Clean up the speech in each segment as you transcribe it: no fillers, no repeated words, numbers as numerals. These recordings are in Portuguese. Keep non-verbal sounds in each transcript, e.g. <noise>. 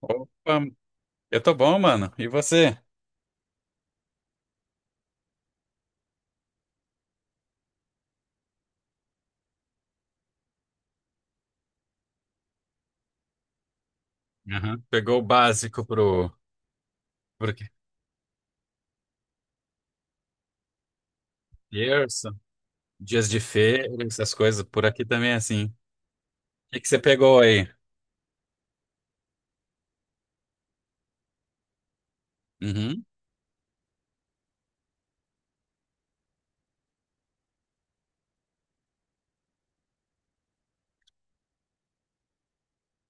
Opa, eu tô bom, mano. E você? Aham. Pegou o básico pro, pro quê? Terça, dias de feira, essas coisas. Por aqui também é assim. O que que você pegou aí? Uhum.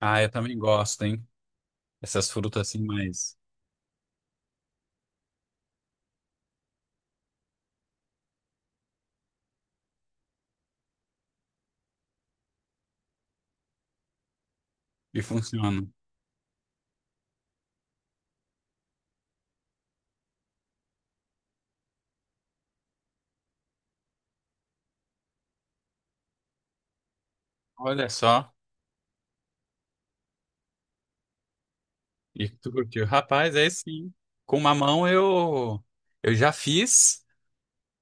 Ah, eu também gosto, hein? Essas frutas assim, mas e funciona. Olha só. E tu curtiu? Rapaz, é sim. Com mamão eu já fiz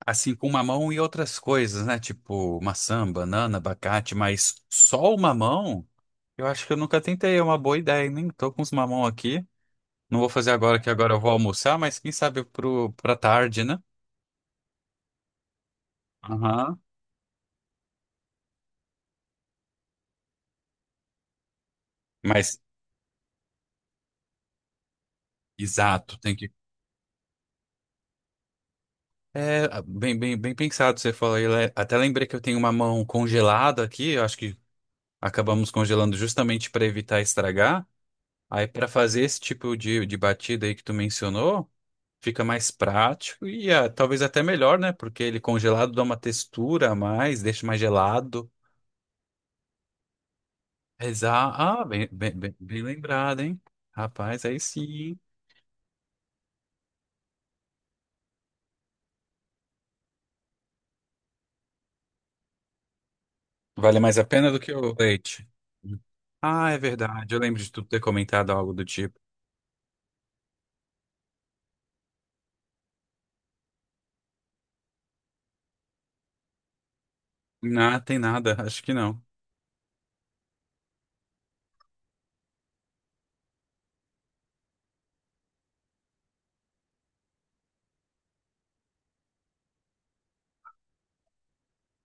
assim com mamão e outras coisas, né? Tipo maçã, banana, abacate, mas só o mamão eu acho que eu nunca tentei, é uma boa ideia, nem tô com os mamão aqui. Não vou fazer agora, que agora eu vou almoçar, mas quem sabe pro, pra tarde, né? Aham. Mas, exato, tem que. É, bem, bem, bem pensado você falou aí. Até lembrei que eu tenho uma mão congelada aqui, eu acho que acabamos congelando justamente para evitar estragar. Aí, para fazer esse tipo de batida aí que tu mencionou, fica mais prático e talvez até melhor, né? Porque ele congelado dá uma textura a mais, deixa mais gelado. Ah, bem, bem, bem, bem lembrado, hein? Rapaz, aí sim. Vale mais a pena do que o leite. Ah, é verdade. Eu lembro de tu ter comentado algo do tipo. Não, tem nada. Acho que não.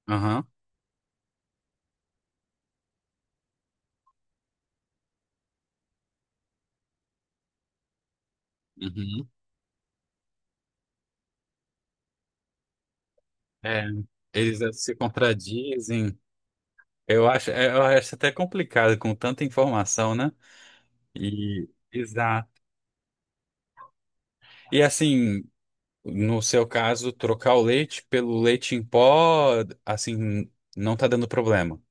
Aham. Uhum. É, eles se contradizem. Eu acho, é, eu acho até complicado com tanta informação, né? E, exato. E assim, no seu caso, trocar o leite pelo leite em pó, assim, não tá dando problema.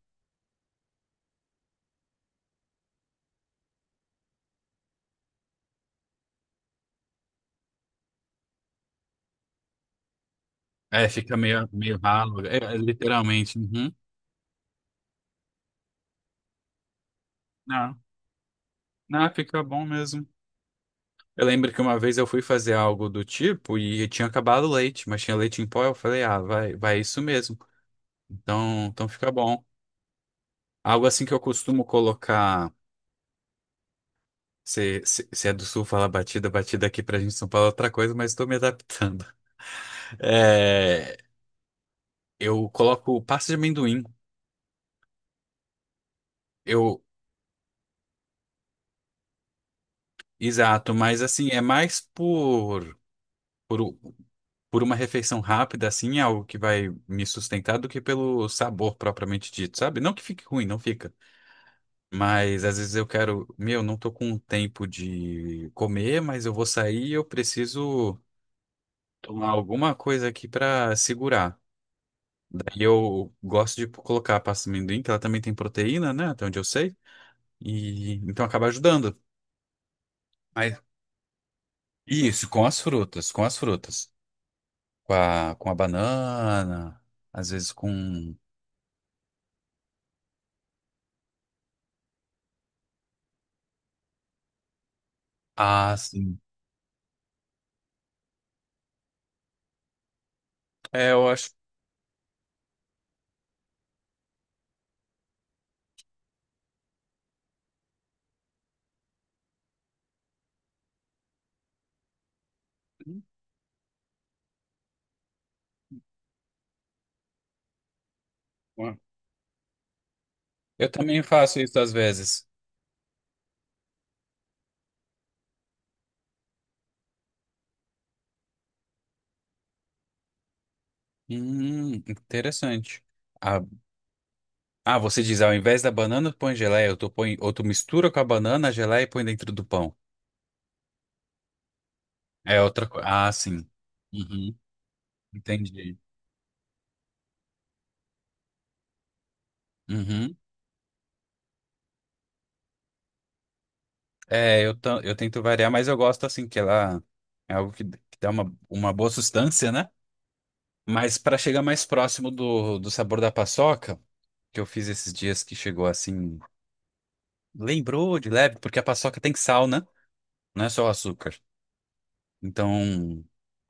É, fica meio, meio ralo. É, é literalmente. Uhum. Não, não, fica bom mesmo. Eu lembro que uma vez eu fui fazer algo do tipo e tinha acabado o leite, mas tinha leite em pó. Eu falei, ah, vai, vai isso mesmo. Então, então fica bom. Algo assim que eu costumo colocar. Se é do sul, fala batida, batida aqui pra gente em São Paulo é outra coisa, mas estou me adaptando. <laughs> É, eu coloco pasta de amendoim. Eu, exato, mas assim, é mais por. Por, por uma refeição rápida, assim, é algo que vai me sustentar do que pelo sabor propriamente dito, sabe? Não que fique ruim, não fica. Mas às vezes eu quero, meu, não tô com tempo de comer, mas eu vou sair e eu preciso tomar alguma coisa aqui pra segurar. Daí eu gosto de colocar a pasta de amendoim, que ela também tem proteína, né? Até onde eu sei. E então acaba ajudando. Mas isso, com as frutas, com as frutas. Com a banana, às vezes com. Ah, sim. É, eu acho. Eu também faço isso às vezes. Interessante. Ah, ah, você diz, ao invés da banana, põe geleia, ou tu põe, ou tu mistura com a banana, a geleia e põe dentro do pão. É outra coisa. Ah, sim. Uhum, entendi. Uhum. É, eu tento variar, mas eu gosto assim, que ela é algo que dá uma boa sustância, né? Mas para chegar mais próximo do, do sabor da paçoca, que eu fiz esses dias que chegou assim, lembrou de leve, porque a paçoca tem sal, né? Não é só o açúcar. Então,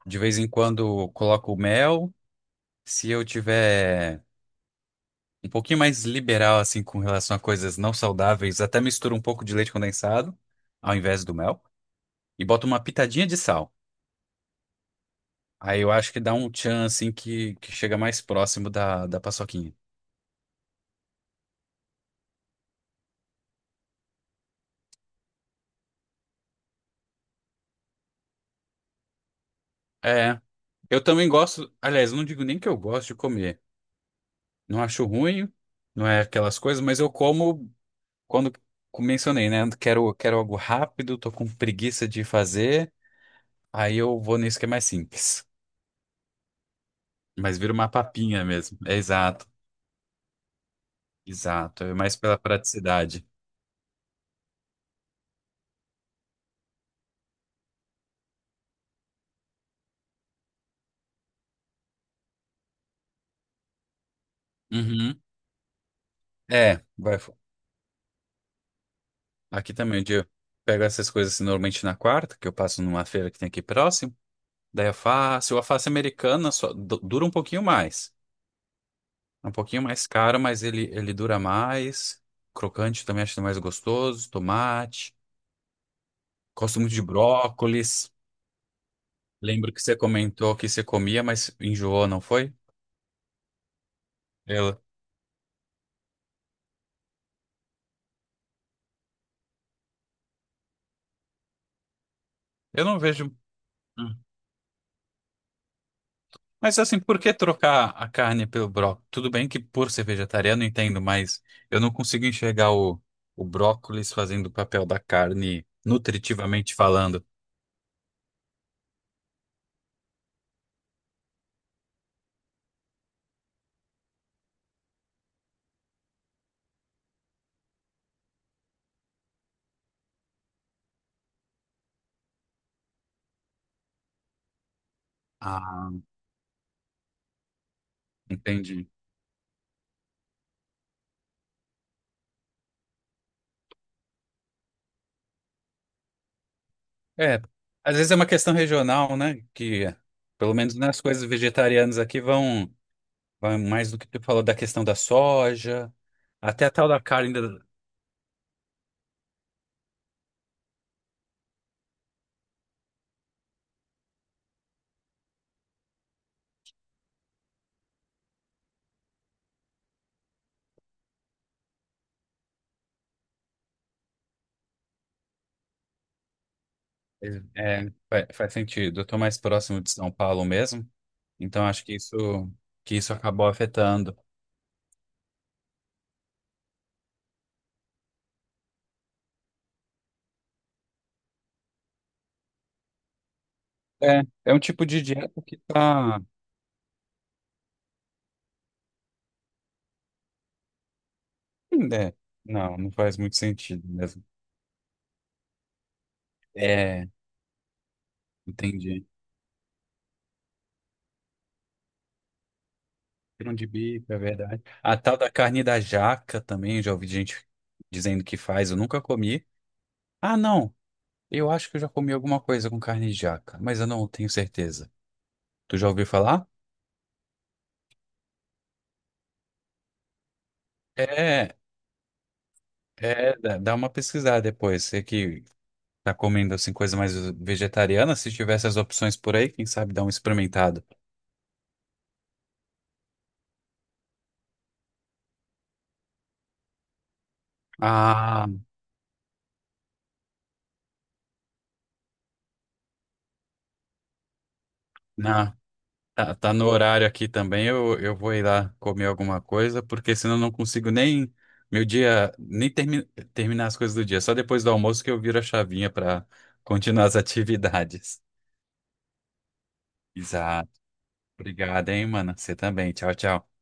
de vez em quando eu coloco mel. Se eu tiver um pouquinho mais liberal assim com relação a coisas não saudáveis, até misturo um pouco de leite condensado ao invés do mel e boto uma pitadinha de sal. Aí eu acho que dá um tchan assim que chega mais próximo da, da paçoquinha. É, eu também gosto, aliás, eu não digo nem que eu gosto de comer. Não acho ruim, não é aquelas coisas, mas eu como quando eu mencionei, né? Quero, quero algo rápido, tô com preguiça de fazer, aí eu vou nisso que é mais simples. Mas vira uma papinha mesmo. É exato, exato. É mais pela praticidade. Uhum. É, vai. Aqui também, onde eu pego essas coisas assim, normalmente na quarta, que eu passo numa feira que tem aqui próximo. Daí eu faço, o alface americana só dura um pouquinho mais. É um pouquinho mais caro, mas ele dura mais. Crocante também acho mais gostoso. Tomate. Gosto muito de brócolis. Lembro que você comentou que você comia, mas enjoou, não foi? Eu, eu não vejo. Hum. Mas assim, por que trocar a carne pelo brócolis? Tudo bem que por ser vegetariano entendo, mas eu não consigo enxergar o brócolis fazendo o papel da carne, nutritivamente falando. Ah, entendi. É, às vezes é uma questão regional, né? Que pelo menos nas coisas vegetarianas aqui vão, vão mais do que tu falou da questão da soja, até a tal da carne É, faz sentido. Eu tô mais próximo de São Paulo mesmo, então acho que isso acabou afetando. É, é um tipo de dieta que tá. É, não, não faz muito sentido mesmo. É, entendi. Grão de bico, é verdade. A tal da carne da jaca também, já ouvi gente dizendo que faz, eu nunca comi. Ah, não, eu acho que eu já comi alguma coisa com carne de jaca, mas eu não tenho certeza. Tu já ouviu falar? É, é, dá uma pesquisada depois. Você que tá comendo assim coisa mais vegetariana? Se tivesse as opções por aí, quem sabe dar um experimentado. Ah, na, tá, tá no horário aqui também. Eu vou ir lá comer alguma coisa, porque senão eu não consigo nem meu dia, nem termi, terminar as coisas do dia. Só depois do almoço que eu viro a chavinha para continuar as atividades. Exato. Obrigado, hein, mano. Você também. Tchau, tchau.